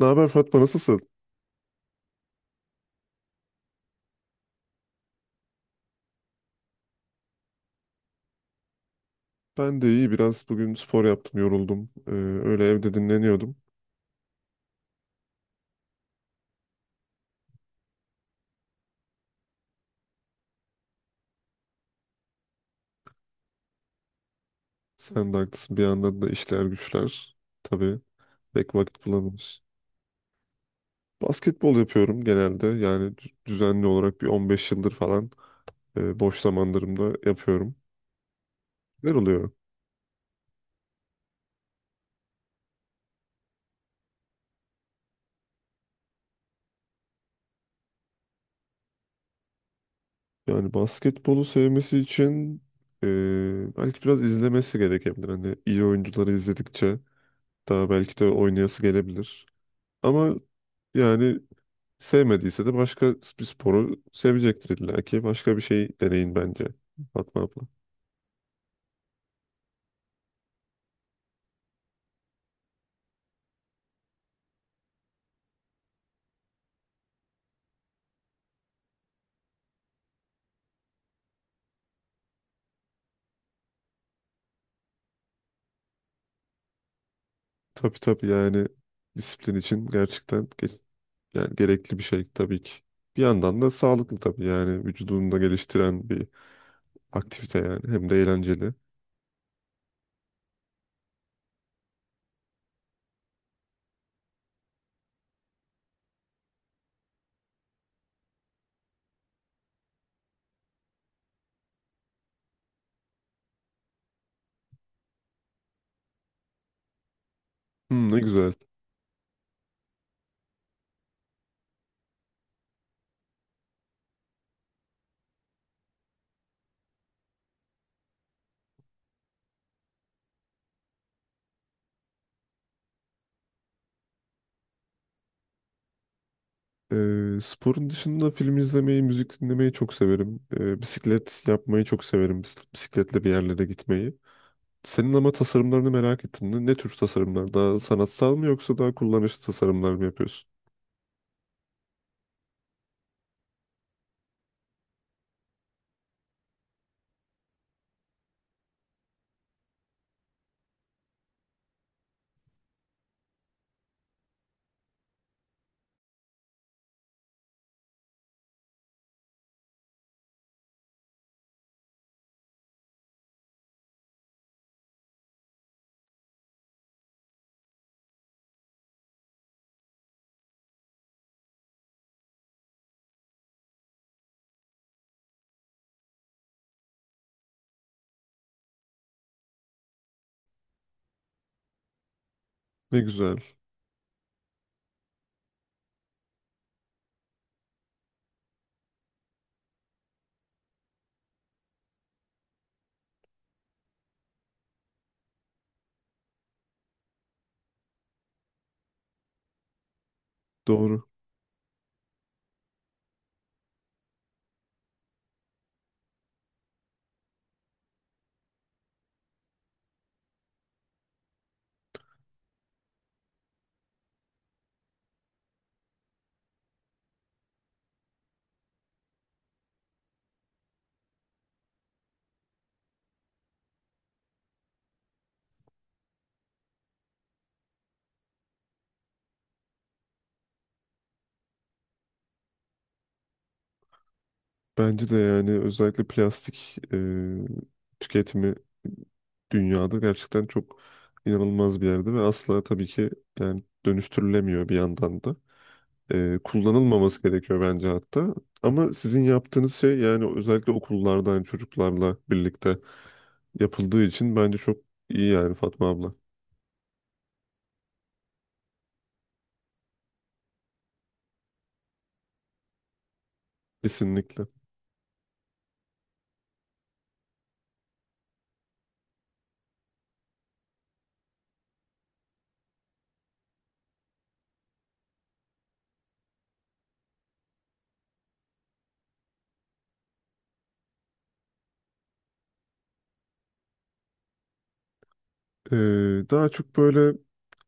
Ne haber Fatma, nasılsın? Ben de iyi, biraz bugün spor yaptım, yoruldum. Öyle evde dinleniyordum. Sen de haklısın, bir yandan da işler güçler. Tabii pek vakit bulamıyoruz. Basketbol yapıyorum genelde, yani düzenli olarak bir 15 yıldır falan boş zamanlarımda yapıyorum. Neler oluyor? Yani basketbolu sevmesi için e, belki biraz izlemesi gerekebilir. Hani iyi oyuncuları izledikçe daha belki de oynayası gelebilir. Ama yani sevmediyse de başka bir sporu sevecektir illa ki. Başka bir şey deneyin bence Fatma abla. Tabii tabii, yani disiplin için gerçekten yani gerekli bir şey tabii ki. Bir yandan da sağlıklı tabii, yani vücudunu da geliştiren bir aktivite, yani hem de eğlenceli. Hmm, ne güzel. Sporun dışında film izlemeyi, müzik dinlemeyi çok severim. Bisiklet yapmayı çok severim. Bisikletle bir yerlere gitmeyi. Senin ama tasarımlarını merak ettim. Ne, ne tür tasarımlar? Daha sanatsal mı yoksa daha kullanışlı tasarımlar mı yapıyorsun? Ne güzel. Doğru. Bence de, yani özellikle plastik tüketimi dünyada gerçekten çok inanılmaz bir yerde ve asla tabii ki yani dönüştürülemiyor bir yandan da. Kullanılmaması gerekiyor bence hatta. Ama sizin yaptığınız şey, yani özellikle okullarda, yani çocuklarla birlikte yapıldığı için bence çok iyi yani Fatma abla. Kesinlikle. Daha çok böyle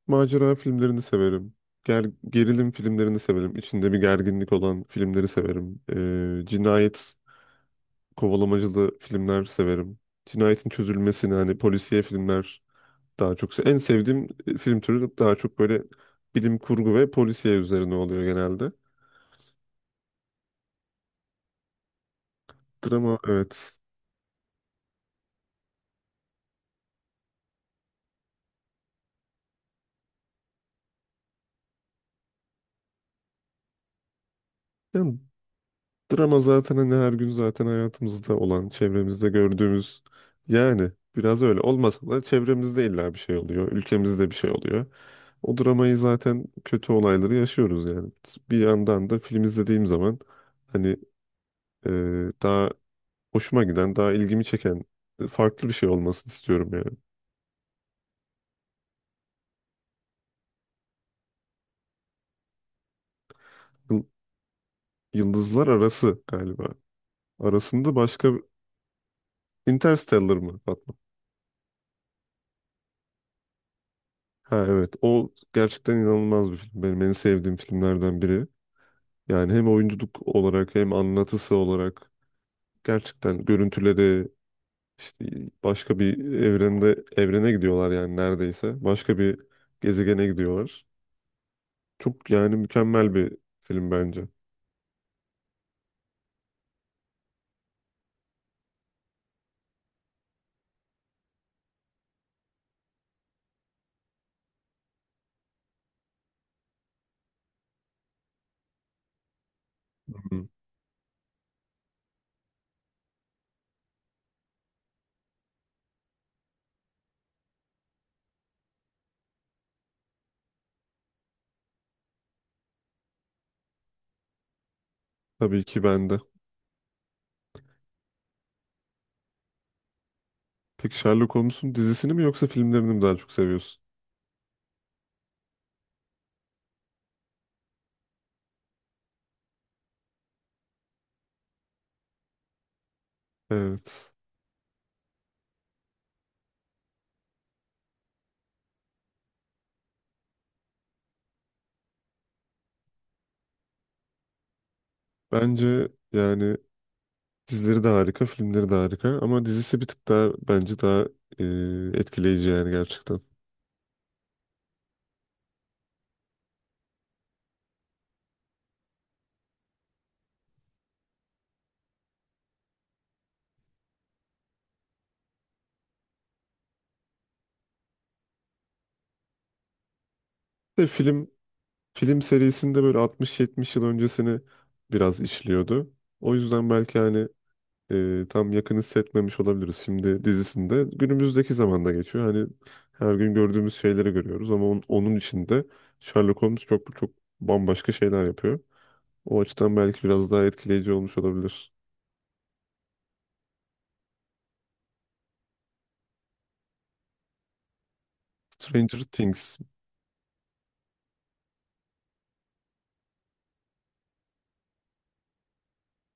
macera filmlerini severim. Gerilim filmlerini severim. İçinde bir gerginlik olan filmleri severim. Cinayet kovalamacılı filmler severim. Cinayetin çözülmesini, hani polisiye filmler daha çok en sevdiğim film türü daha çok böyle bilim kurgu ve polisiye üzerine oluyor genelde. Drama, evet. Yani drama zaten hani her gün zaten hayatımızda olan, çevremizde gördüğümüz, yani biraz öyle olmasa da çevremizde illa bir şey oluyor, ülkemizde bir şey oluyor. O dramayı zaten, kötü olayları yaşıyoruz yani. Bir yandan da film izlediğim zaman hani e, daha hoşuma giden, daha ilgimi çeken farklı bir şey olmasını istiyorum yani. Yıl- Yıldızlar Arası galiba. Arasında başka. Interstellar mı Fatma? Ha evet, o gerçekten inanılmaz bir film. Benim en sevdiğim filmlerden biri. Yani hem oyunculuk olarak hem anlatısı olarak gerçekten görüntüleri işte başka bir evrende gidiyorlar yani neredeyse. Başka bir gezegene gidiyorlar. Çok, yani mükemmel bir film bence. Hı. Tabii ki, ben de. Peki Sherlock Holmes'un dizisini mi yoksa filmlerini mi daha çok seviyorsun? Evet. Bence yani dizileri de harika, filmleri de harika ama dizisi bir tık daha bence daha etkileyici, yani gerçekten. Bir De film Film serisinde böyle 60-70 yıl öncesini biraz işliyordu. O yüzden belki hani tam yakın hissetmemiş olabiliriz. Şimdi dizisinde günümüzdeki zamanda geçiyor. Hani her gün gördüğümüz şeyleri görüyoruz ama onun içinde Sherlock Holmes çok çok bambaşka şeyler yapıyor. O açıdan belki biraz daha etkileyici olmuş olabilir. Stranger Things.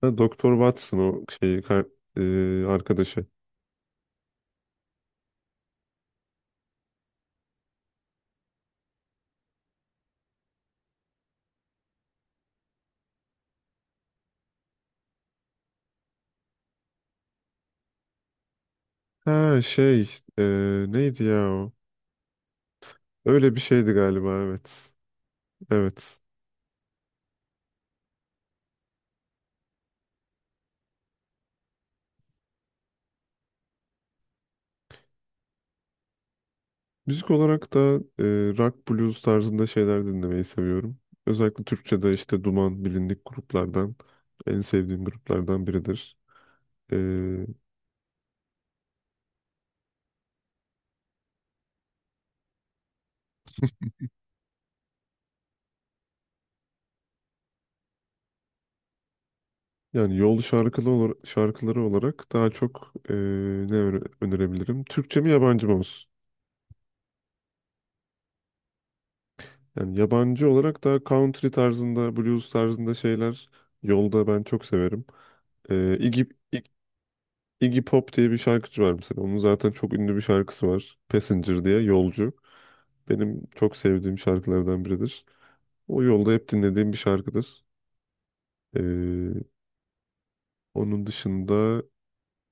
Ha, Doktor Watson o şeyi arkadaşı. Ha şey, e, neydi ya o? Öyle bir şeydi galiba, evet. Evet. Müzik olarak da e, rock blues tarzında şeyler dinlemeyi seviyorum. Özellikle Türkçe'de işte Duman, bilindik gruplardan en sevdiğim gruplardan biridir. E, yani yol şarkılı olur, şarkıları olarak daha çok önerebilirim? Türkçe mi yabancı mı olsun? Yani yabancı olarak da country tarzında, blues tarzında şeyler yolda ben çok severim. E, Iggy, Iggy Pop diye bir şarkıcı var mesela. Onun zaten çok ünlü bir şarkısı var, Passenger diye, yolcu. Benim çok sevdiğim şarkılardan biridir. O yolda hep dinlediğim bir şarkıdır. Ee, Onun dışında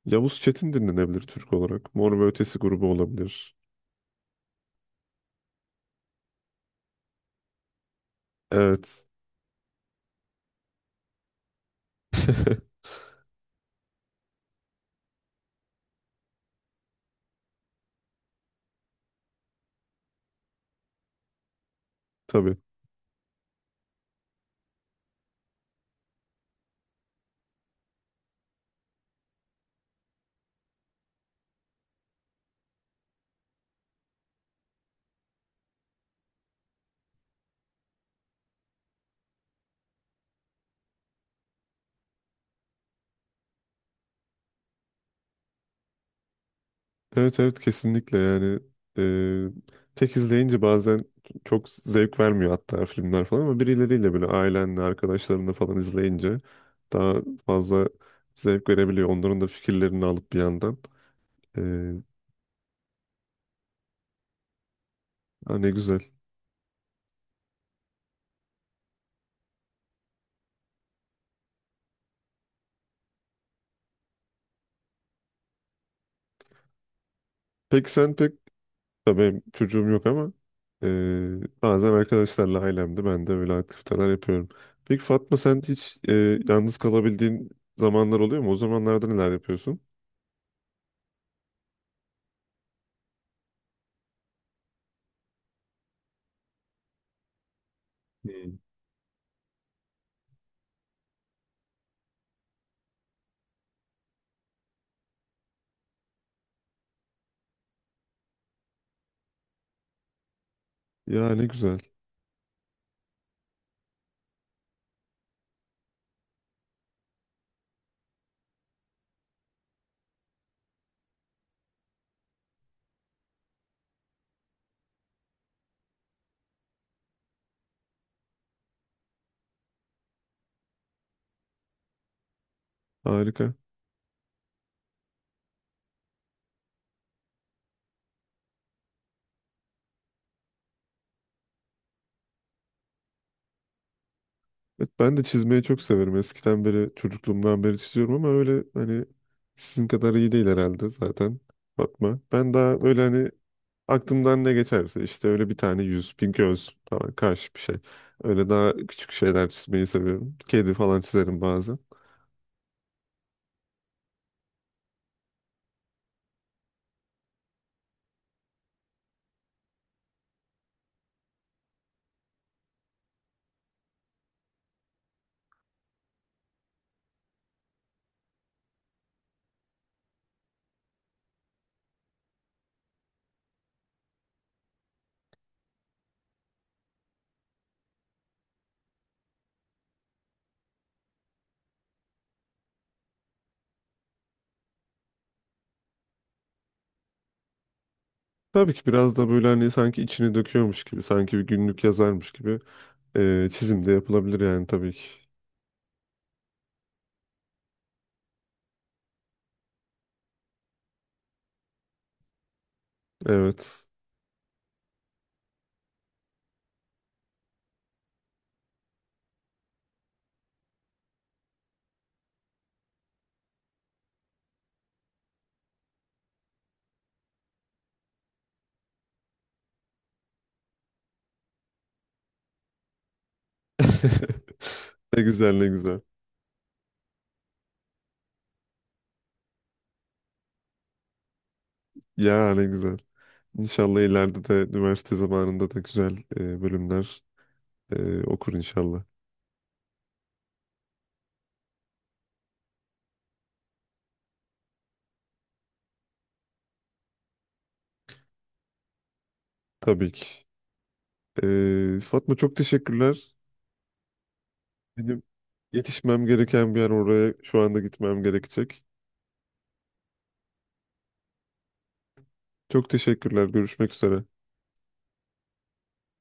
Yavuz Çetin dinlenebilir Türk olarak. Mor ve Ötesi grubu olabilir. Evet. Tabii. Evet evet, kesinlikle yani eee, tek izleyince bazen çok zevk vermiyor hatta filmler falan, ama birileriyle böyle ailenle, arkadaşlarınla falan izleyince daha fazla zevk verebiliyor. Onların da fikirlerini alıp bir yandan. Eee ha, ne güzel. Peki sen pek. Tabii benim çocuğum yok, ama bazen arkadaşlarla, ailemde ben de böyle aktiviteler yapıyorum. Peki Fatma, sen hiç yalnız kalabildiğin zamanlar oluyor mu? O zamanlarda neler yapıyorsun? Hmm. Ya ne güzel. Harika. Evet, ben de çizmeyi çok severim. Eskiden beri, çocukluğumdan beri çiziyorum, ama öyle hani sizin kadar iyi değil herhalde zaten Fatma. Ben daha öyle hani aklımdan ne geçerse, işte öyle bir tane yüz, bir göz falan, karşı bir şey. Öyle daha küçük şeyler çizmeyi seviyorum. Kedi falan çizerim bazen. Tabii ki biraz da böyle hani sanki içini döküyormuş gibi, sanki bir günlük yazarmış gibi çizim de yapılabilir yani, tabii ki. Evet. Ne güzel, ne güzel. Ya ne güzel. İnşallah ileride de üniversite zamanında da güzel bölümler okur inşallah. Tabii ki. Fatma, çok teşekkürler. Benim yetişmem gereken bir yer, oraya şu anda gitmem gerekecek. Çok teşekkürler. Görüşmek üzere.